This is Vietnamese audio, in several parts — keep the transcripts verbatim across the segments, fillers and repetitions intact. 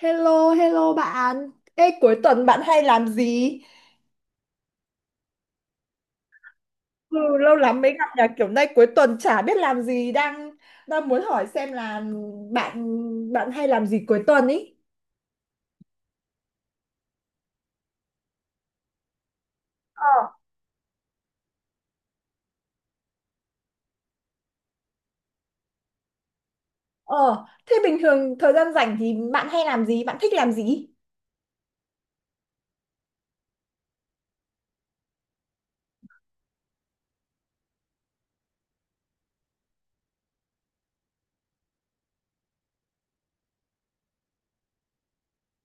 Hello, hello bạn. Ê, cuối tuần bạn hay làm gì? Ừ, lâu lắm mới gặp nhà kiểu nay cuối tuần chả biết làm gì đang đang muốn hỏi xem là bạn bạn hay làm gì cuối tuần ý. Ờ, ờ, thế bình thường thời gian rảnh thì bạn hay làm gì? Bạn thích làm gì?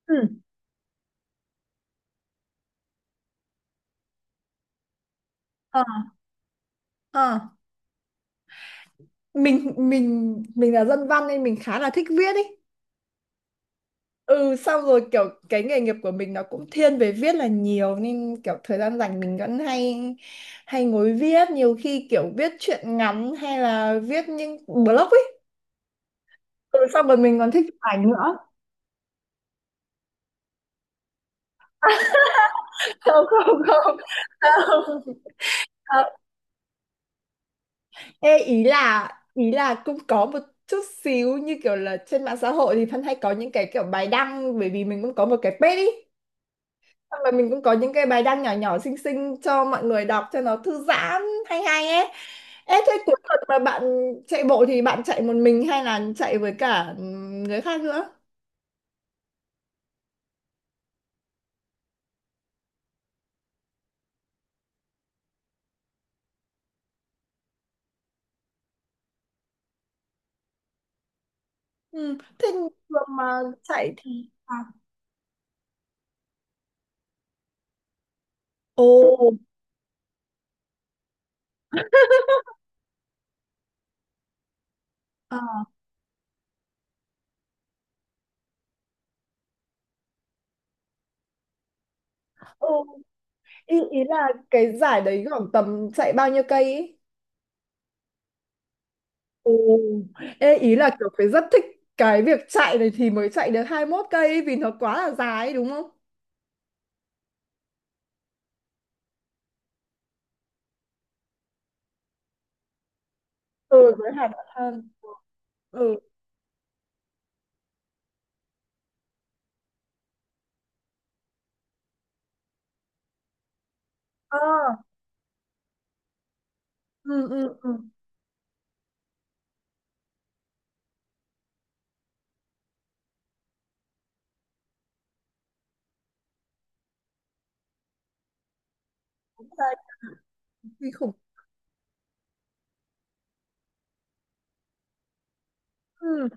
Ừ. Ờ, ờ. Mình mình mình là dân văn nên mình khá là thích viết ý. Ừ, xong rồi kiểu cái nghề nghiệp của mình nó cũng thiên về viết là nhiều nên kiểu thời gian rảnh mình vẫn hay hay ngồi viết, nhiều khi kiểu viết truyện ngắn hay là viết những blog ấy. Ừ, xong rồi mình còn thích chụp ảnh nữa. Không không không không, không. Ê, ý là ý là cũng có một chút xíu như kiểu là trên mạng xã hội thì Thân hay có những cái kiểu bài đăng, bởi vì mình cũng có một cái page ý, xong rồi mình cũng có những cái bài đăng nhỏ nhỏ xinh xinh cho mọi người đọc cho nó thư giãn, hay hay ấy. Ê, thế cuối tuần mà bạn chạy bộ thì bạn chạy một mình hay là chạy với cả người khác nữa? Ừ. Thế thường mà chạy thì à. Ồ, à, ồ. Ý, ý là cái giải đấy khoảng tầm chạy bao nhiêu cây ấy? Ồ, ê, ý là kiểu phải rất thích cái việc chạy này thì mới chạy được hai mươi mốt cây ấy, vì nó quá là dài ấy, đúng không? Ừ, với Hà Nội hơn. Ừ. À, ừ, ừ, ừ. Dài kinh khủng. Ừ,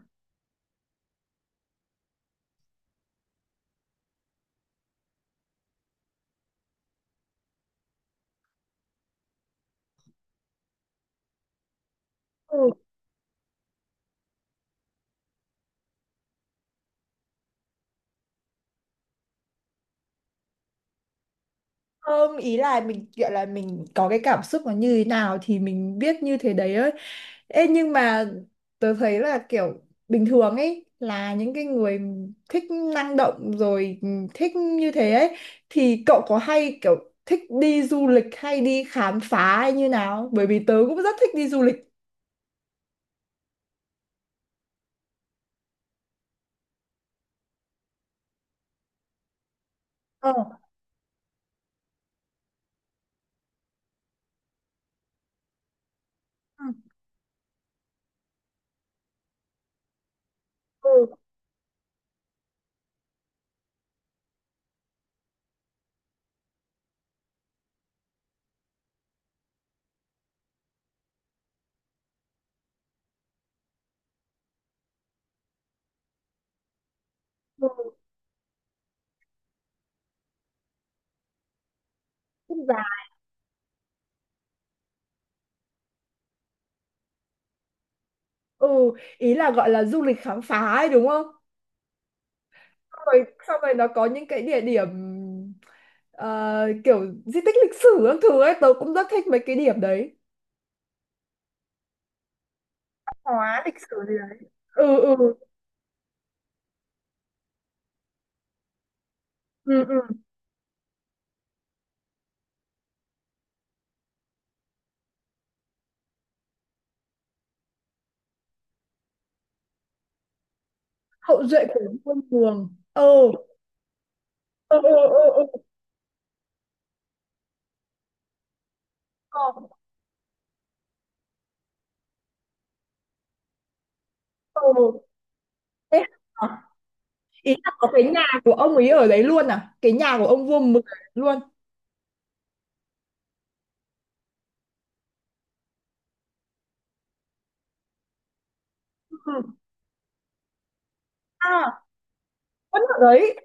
ừ. Không, ý là mình gọi là mình có cái cảm xúc nó như thế nào thì mình biết như thế đấy ấy. Ê, nhưng mà tớ thấy là kiểu bình thường ấy là những cái người thích năng động rồi, ừ, thích như thế ấy, thì cậu có hay kiểu thích đi du lịch hay đi khám phá hay như nào, bởi vì tớ cũng rất thích đi du lịch. Ờ. Ừ, ừ, ừ, thích giá. Ừ, ý là gọi là du lịch khám phá ấy đúng không, rồi xong rồi nó có những cái địa điểm ờ, kiểu di tích lịch sử các thứ ấy tớ cũng rất thích mấy cái điểm đấy, hóa lịch sử gì đấy. Ừ, ừ, ừ, ừ. Hậu duệ của quân Đường. Ừ, ừ, ừ, ừ, ừ. Ờ, ờ. Thế hả? Ý là có cái nhà của ông ấy ở đấy luôn à, cái nhà của ông vua mực luôn. Ừ. Ừ. À, vẫn ở đấy.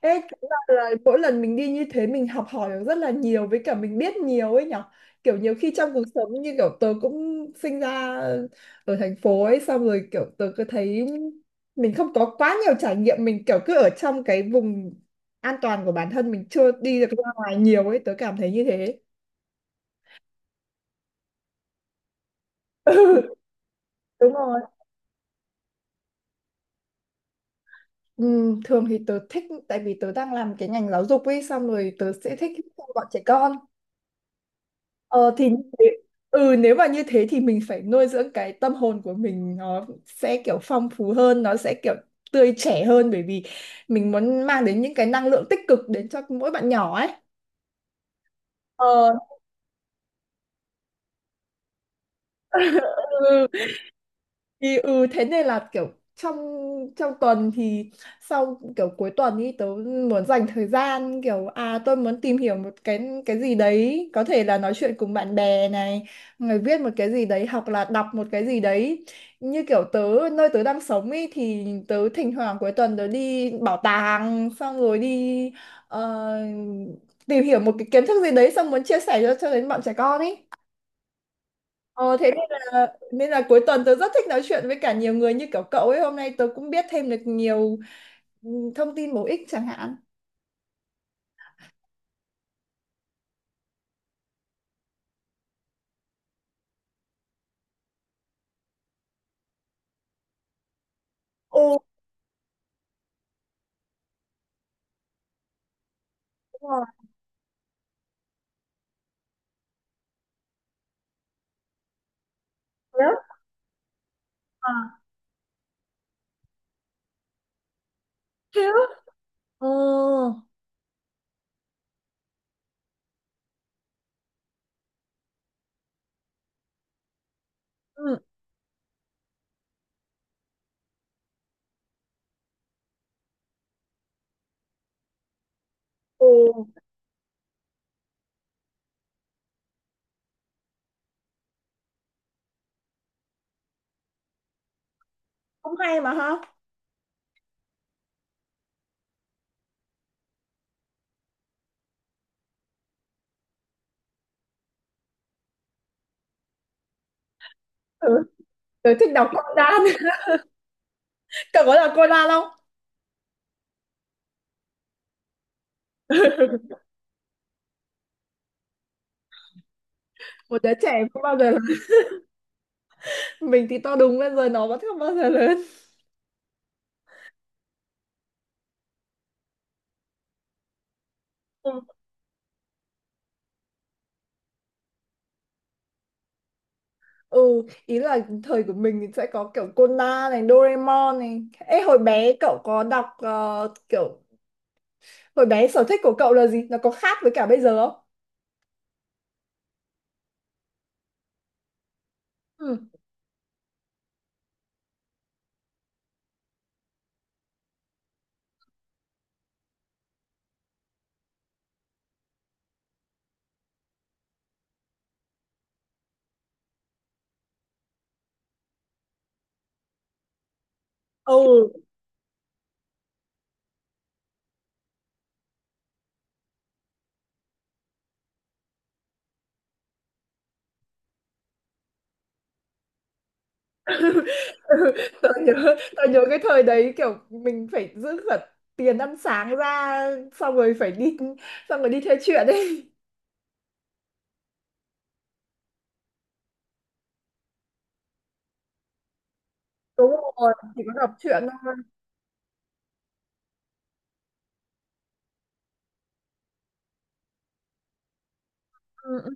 Ê, thế là là mỗi lần mình đi như thế mình học hỏi được rất là nhiều, với cả mình biết nhiều ấy nhở, kiểu nhiều khi trong cuộc sống như kiểu tớ cũng sinh ra ở thành phố ấy xong rồi kiểu tớ cứ thấy mình không có quá nhiều trải nghiệm, mình kiểu cứ ở trong cái vùng an toàn của bản thân mình, chưa đi được ra ngoài nhiều ấy, tớ cảm thấy như thế. Ừ, đúng rồi. Ừ, thường thì tớ thích, tại vì tớ đang làm cái ngành giáo dục ấy xong rồi tớ sẽ thích bọn trẻ con. Ờ thì như thế- Ừ, nếu mà như thế thì mình phải nuôi dưỡng cái tâm hồn của mình, nó sẽ kiểu phong phú hơn, nó sẽ kiểu tươi trẻ hơn, bởi vì mình muốn mang đến những cái năng lượng tích cực đến cho mỗi bạn nhỏ ấy. Ờ. Ừ, thì ừ thế nên là kiểu trong trong tuần thì sau kiểu cuối tuần ý tớ muốn dành thời gian kiểu à tôi muốn tìm hiểu một cái cái gì đấy, có thể là nói chuyện cùng bạn bè này, người viết một cái gì đấy hoặc là đọc một cái gì đấy, như kiểu tớ nơi tớ đang sống ý thì tớ thỉnh thoảng cuối tuần tớ đi bảo tàng xong rồi đi ờ, tìm hiểu một cái kiến thức gì đấy xong muốn chia sẻ cho cho đến bọn trẻ con ý. Ờ, thế nên là nên là cuối tuần tớ rất thích nói chuyện với cả nhiều người như kiểu cậu ấy, hôm nay tớ cũng biết thêm được nhiều ừ, thông tin bổ ích chẳng hạn. Ồ, đúng rồi. Thế á? À? Thế á? Ờ, ừ. Ồ, cũng hay mà ha. Ừ, tớ thích đọc Conan. Cậu có đọc Conan không? Một đứa trẻ không bao giờ lớn. Mình thì to đúng lên rồi nó vẫn không bao giờ lớn. Ừ, ừ, ý là thời của mình thì sẽ có kiểu Conan này, Doraemon này. Ê, hồi bé cậu có đọc ờ, kiểu hồi bé sở thích của cậu là gì? Nó có khác với cả bây giờ không? Ừ. Ồ. tao nhớ, tao nhớ cái thời đấy kiểu mình phải giữ cả tiền ăn sáng ra xong rồi phải đi, xong rồi đi theo chuyện ấy. Đúng rồi, chỉ có đọc truyện thôi. Ừ,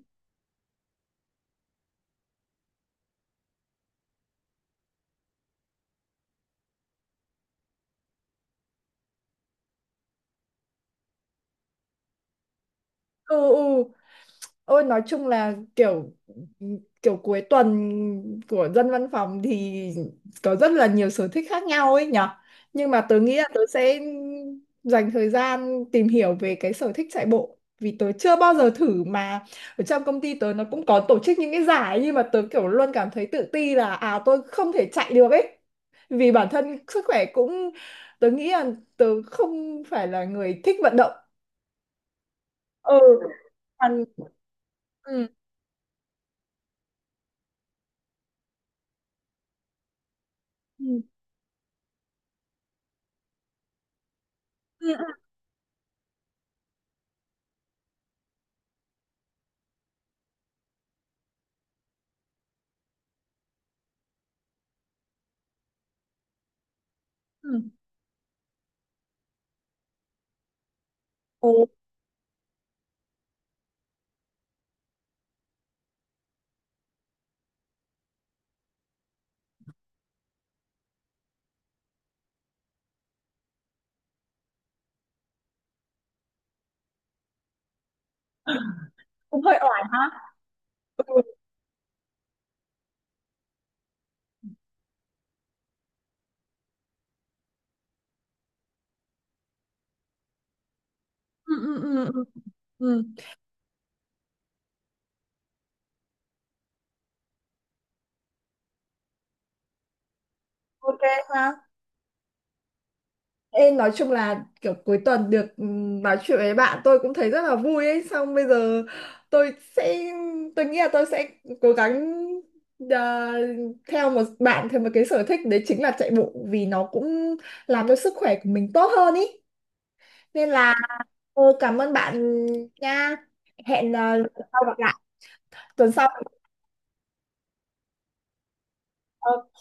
ừ, ừ. Ôi nói chung là kiểu kiểu cuối tuần của dân văn phòng thì có rất là nhiều sở thích khác nhau ấy nhở. Nhưng mà tớ nghĩ là tớ sẽ dành thời gian tìm hiểu về cái sở thích chạy bộ, vì tớ chưa bao giờ thử mà, ở trong công ty tớ nó cũng có tổ chức những cái giải nhưng mà tớ kiểu luôn cảm thấy tự ti là à tôi không thể chạy được ấy. Vì bản thân sức khỏe cũng tớ nghĩ là tớ không phải là người thích vận động. Ừ. còn- Ừ. Ừ. Ừ. Ồ, cũng hơi oải ha. Ừ. Ừ, ừ, ừ, ừ. Ừ. Ok ha. Ê, nói chung là kiểu cuối tuần được ừm, nói chuyện với bạn tôi cũng thấy rất là vui ấy. Xong bây giờ tôi sẽ tôi nghĩ là tôi sẽ cố gắng, à, theo một bạn theo một cái sở thích đấy chính là chạy bộ, vì nó cũng làm cho sức khỏe của mình tốt hơn ý. Nên là ừ, cảm ơn bạn nha. Hẹn à, tuần sau gặp lại. Tuần sau. Ok.